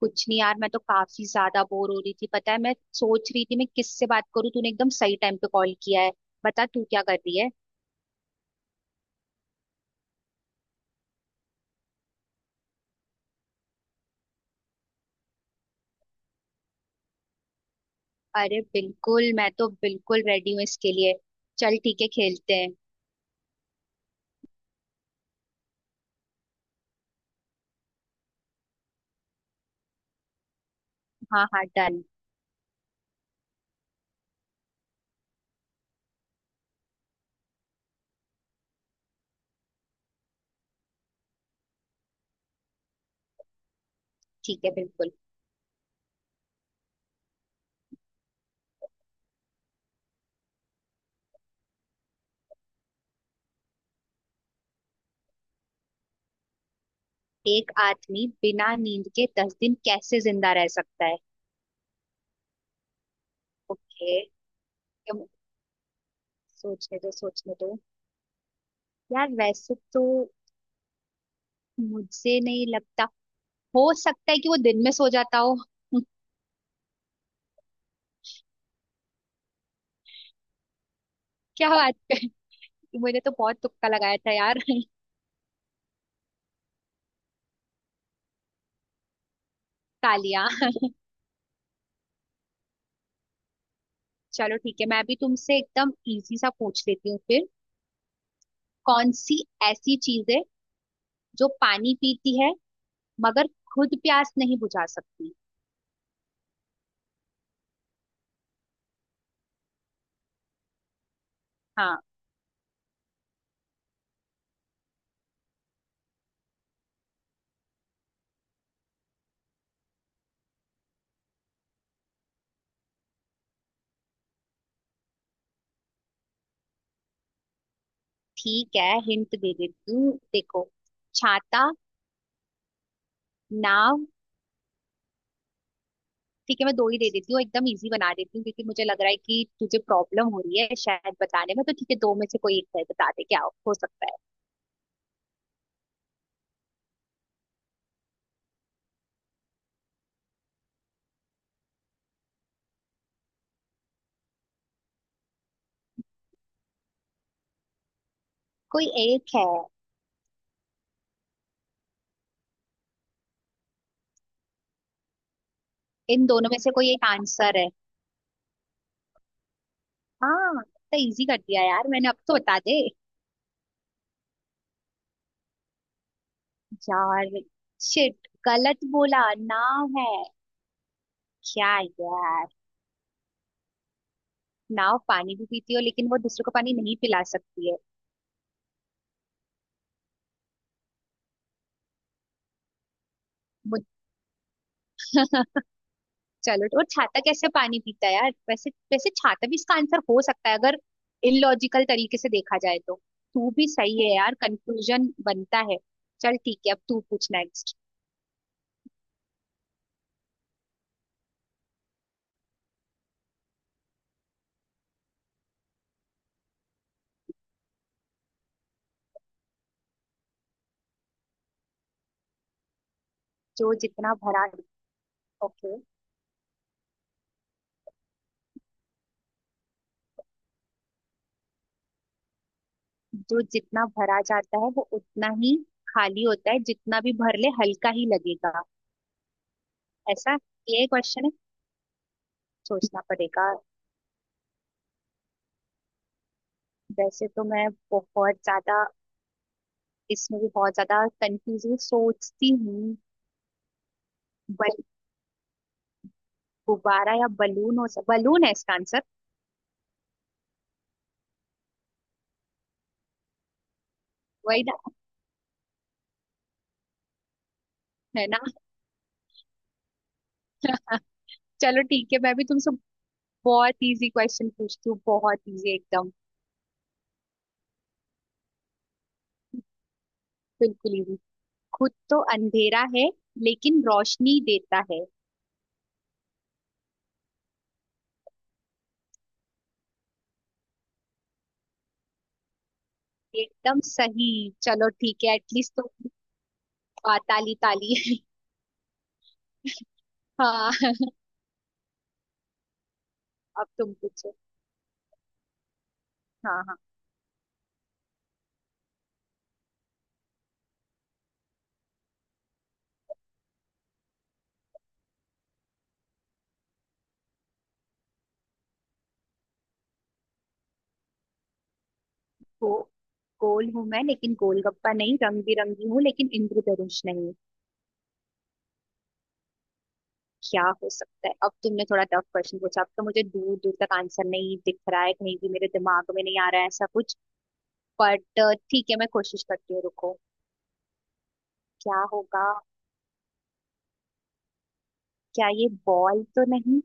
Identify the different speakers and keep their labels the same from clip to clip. Speaker 1: कुछ नहीं यार, मैं तो काफी ज्यादा बोर हो रही थी। पता है, मैं सोच रही थी मैं किससे बात करूं। तूने एकदम सही टाइम पे कॉल किया है। बता तू क्या कर रही है। अरे बिल्कुल, मैं तो बिल्कुल रेडी हूँ इसके लिए। चल ठीक है, खेलते हैं। हाँ हाँ, डन। ठीक है, बिल्कुल। एक आदमी बिना नींद के 10 दिन कैसे जिंदा रह सकता है? ओके। तुम, सोचने दो सोचने दो। यार वैसे तो मुझे नहीं लगता। हो सकता है कि वो दिन में सो जाता हो। क्या बात कर। मुझे तो बहुत तुक्का लगाया था यार। तालिया। चलो ठीक है, मैं भी तुमसे एकदम इजी सा पूछ लेती हूँ फिर। कौन सी ऐसी चीज है जो पानी पीती है मगर खुद प्यास नहीं बुझा सकती? हाँ। ठीक है, हिंट दे देती हूँ, देखो। छाता, नाव। ठीक है, मैं दो ही दे देती हूँ, एकदम इजी बना देती हूँ, क्योंकि मुझे लग रहा है कि तुझे प्रॉब्लम हो रही है शायद बताने में। तो ठीक है, दो में से कोई एक है, बता दे क्या हो सकता है। कोई एक है। इन दोनों में से कोई एक आंसर है। हाँ, तो इजी कर दिया यार मैंने, अब तो बता दे। यार शिट, गलत बोला, नाव है। क्या यार। नाव पानी भी पीती हो, लेकिन वो दूसरों को पानी नहीं पिला सकती है। मुझ- चलो, और छाता कैसे पानी पीता है यार। वैसे वैसे छाता भी इसका आंसर हो सकता है, अगर इलॉजिकल तरीके से देखा जाए तो। तू भी सही है यार, कंक्लूजन बनता है। चल ठीक है, अब तू पूछ नेक्स्ट। जो जितना भरा। ओके। जो जितना भरा जाता है वो उतना ही खाली होता है, जितना भी भर ले हल्का ही लगेगा, ऐसा? ये क्वेश्चन है? सोचना पड़ेगा। वैसे तो मैं बहुत ज्यादा इसमें भी बहुत ज्यादा कंफ्यूजन सोचती हूँ। बल गुब्बारा या बलून। हो सक बलून है इसका आंसर। वही ना। है ना। चलो ठीक है, मैं भी तुमसे बहुत इजी क्वेश्चन पूछती हूँ, बहुत इजी एकदम। बिल्कुल इजी। खुद तो अंधेरा है लेकिन रोशनी देता है। एकदम सही। चलो ठीक है, एटलीस्ट तुम। ताली ताली। हाँ। अब तुम पूछो। हाँ हाँ। गो, गोल हूं मैं लेकिन गोलगप्पा नहीं, रंग बिरंगी हूँ लेकिन इंद्रधनुष नहीं। क्या हो सकता है? अब तुमने थोड़ा टफ क्वेश्चन पूछा, अब तो मुझे दूर दूर तक आंसर नहीं दिख रहा है, कहीं भी मेरे दिमाग में नहीं आ रहा है ऐसा कुछ। बट ठीक है, मैं कोशिश करती हूँ, रुको। क्या होगा? क्या ये बॉल तो नहीं?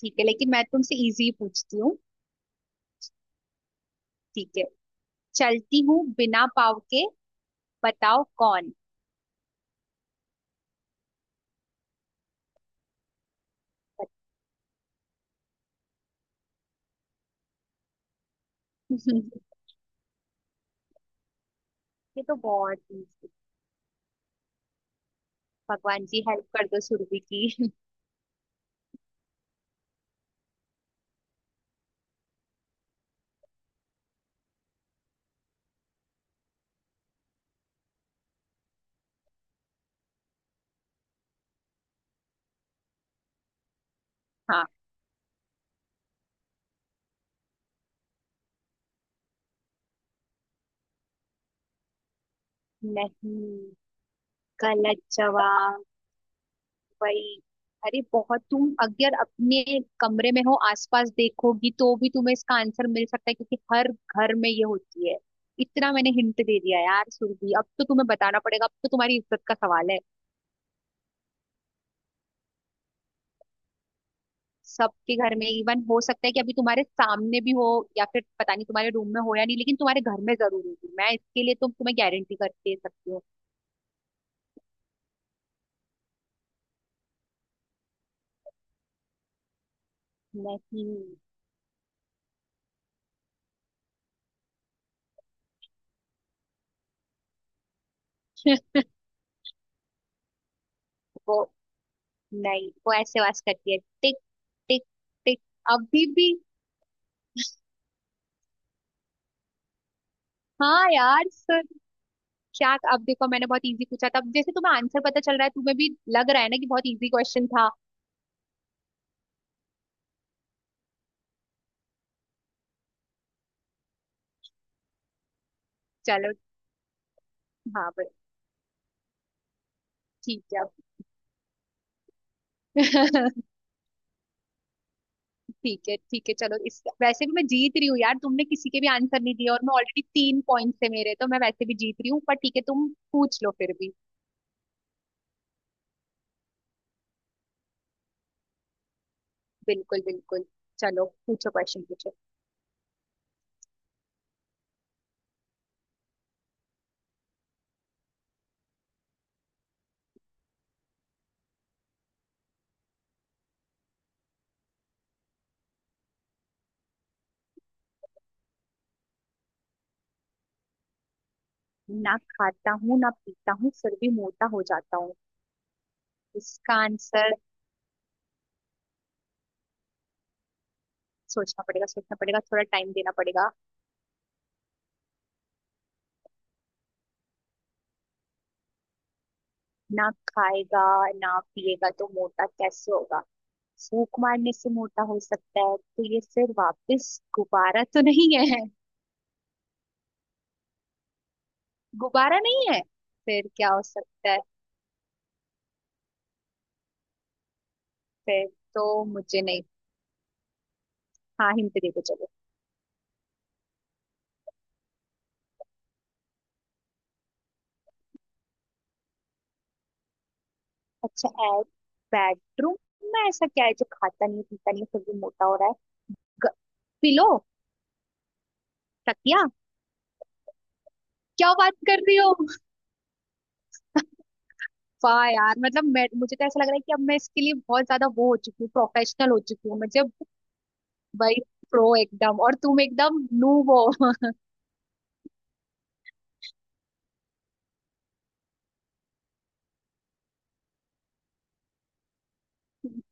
Speaker 1: ठीक है, लेकिन मैं तुमसे इजी पूछती हूँ। ठीक है। चलती हूँ बिना पाँव के, बताओ कौन। ये तो बहुत easy। भगवान जी हेल्प कर दो सुरभि की। हाँ। नहीं, गलत जवाब। वही। अरे बहुत, तुम अगर अपने कमरे में हो, आसपास देखोगी तो भी तुम्हें इसका आंसर मिल सकता है, क्योंकि हर घर में ये होती है। इतना मैंने हिंट दे दिया यार सुरभि, अब तो तुम्हें बताना पड़ेगा, अब तो तुम्हारी इज्जत का सवाल है। सबके घर में, इवन हो सकता है कि अभी तुम्हारे सामने भी हो, या फिर पता नहीं तुम्हारे रूम में हो या नहीं, लेकिन तुम्हारे घर में जरूर होगी, मैं इसके लिए तो तुम्हें गारंटी करके दे सकती हूँ। नहीं। वो, नहीं, वो ऐसे आवाज करती है, टिक टिक टिक। अभी भी। हाँ यार, सर। क्या, अब देखो मैंने बहुत इजी पूछा था, अब जैसे तुम्हें आंसर पता चल रहा है, तुम्हें भी लग रहा है ना कि बहुत इजी क्वेश्चन था। चलो। हाँ भाई। ठीक है। ठीक है ठीक है, चलो इस, वैसे भी मैं जीत रही हूँ यार, तुमने किसी के भी आंसर नहीं दिया, और मैं ऑलरेडी 3 पॉइंट से, मेरे तो, मैं वैसे भी जीत रही हूँ, पर ठीक है तुम पूछ लो फिर भी। बिल्कुल बिल्कुल। चलो पूछो, क्वेश्चन पूछो। ना खाता हूँ ना पीता हूँ, फिर भी मोटा हो जाता हूँ, इसका आंसर। सोचना पड़ेगा सोचना पड़ेगा, थोड़ा टाइम देना पड़ेगा। ना खाएगा ना पिएगा तो मोटा कैसे होगा। फूक मारने से मोटा हो सकता है, तो ये फिर वापस गुब्बारा तो नहीं है? गुब्बारा नहीं है, फिर क्या हो सकता है? फिर तो मुझे नहीं। हाँ हिंट दे दो, चलो। अच्छा ऐड। बेडरूम में ऐसा क्या है जो खाता नहीं पीता नहीं फिर भी मोटा हो रहा है? ग- पिलो, तकिया। क्या बात कर रही हो। वाह यार, मतलब मैं मुझे तो ऐसा लग रहा है कि अब मैं इसके लिए बहुत ज्यादा वो हो चुकी हूँ, प्रोफेशनल हो चुकी हूँ मुझे। वही, प्रो एकदम, और तुम एकदम नूब हो।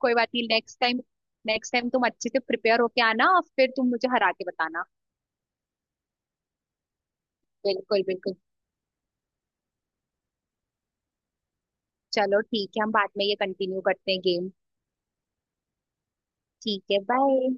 Speaker 1: कोई बात नहीं, नेक्स्ट टाइम। नेक्स्ट टाइम तुम अच्छे से प्रिपेयर होके आना, और फिर तुम मुझे हरा के बताना। बिल्कुल बिल्कुल। चलो ठीक है, हम बाद में ये कंटिन्यू करते हैं गेम। ठीक है, बाय।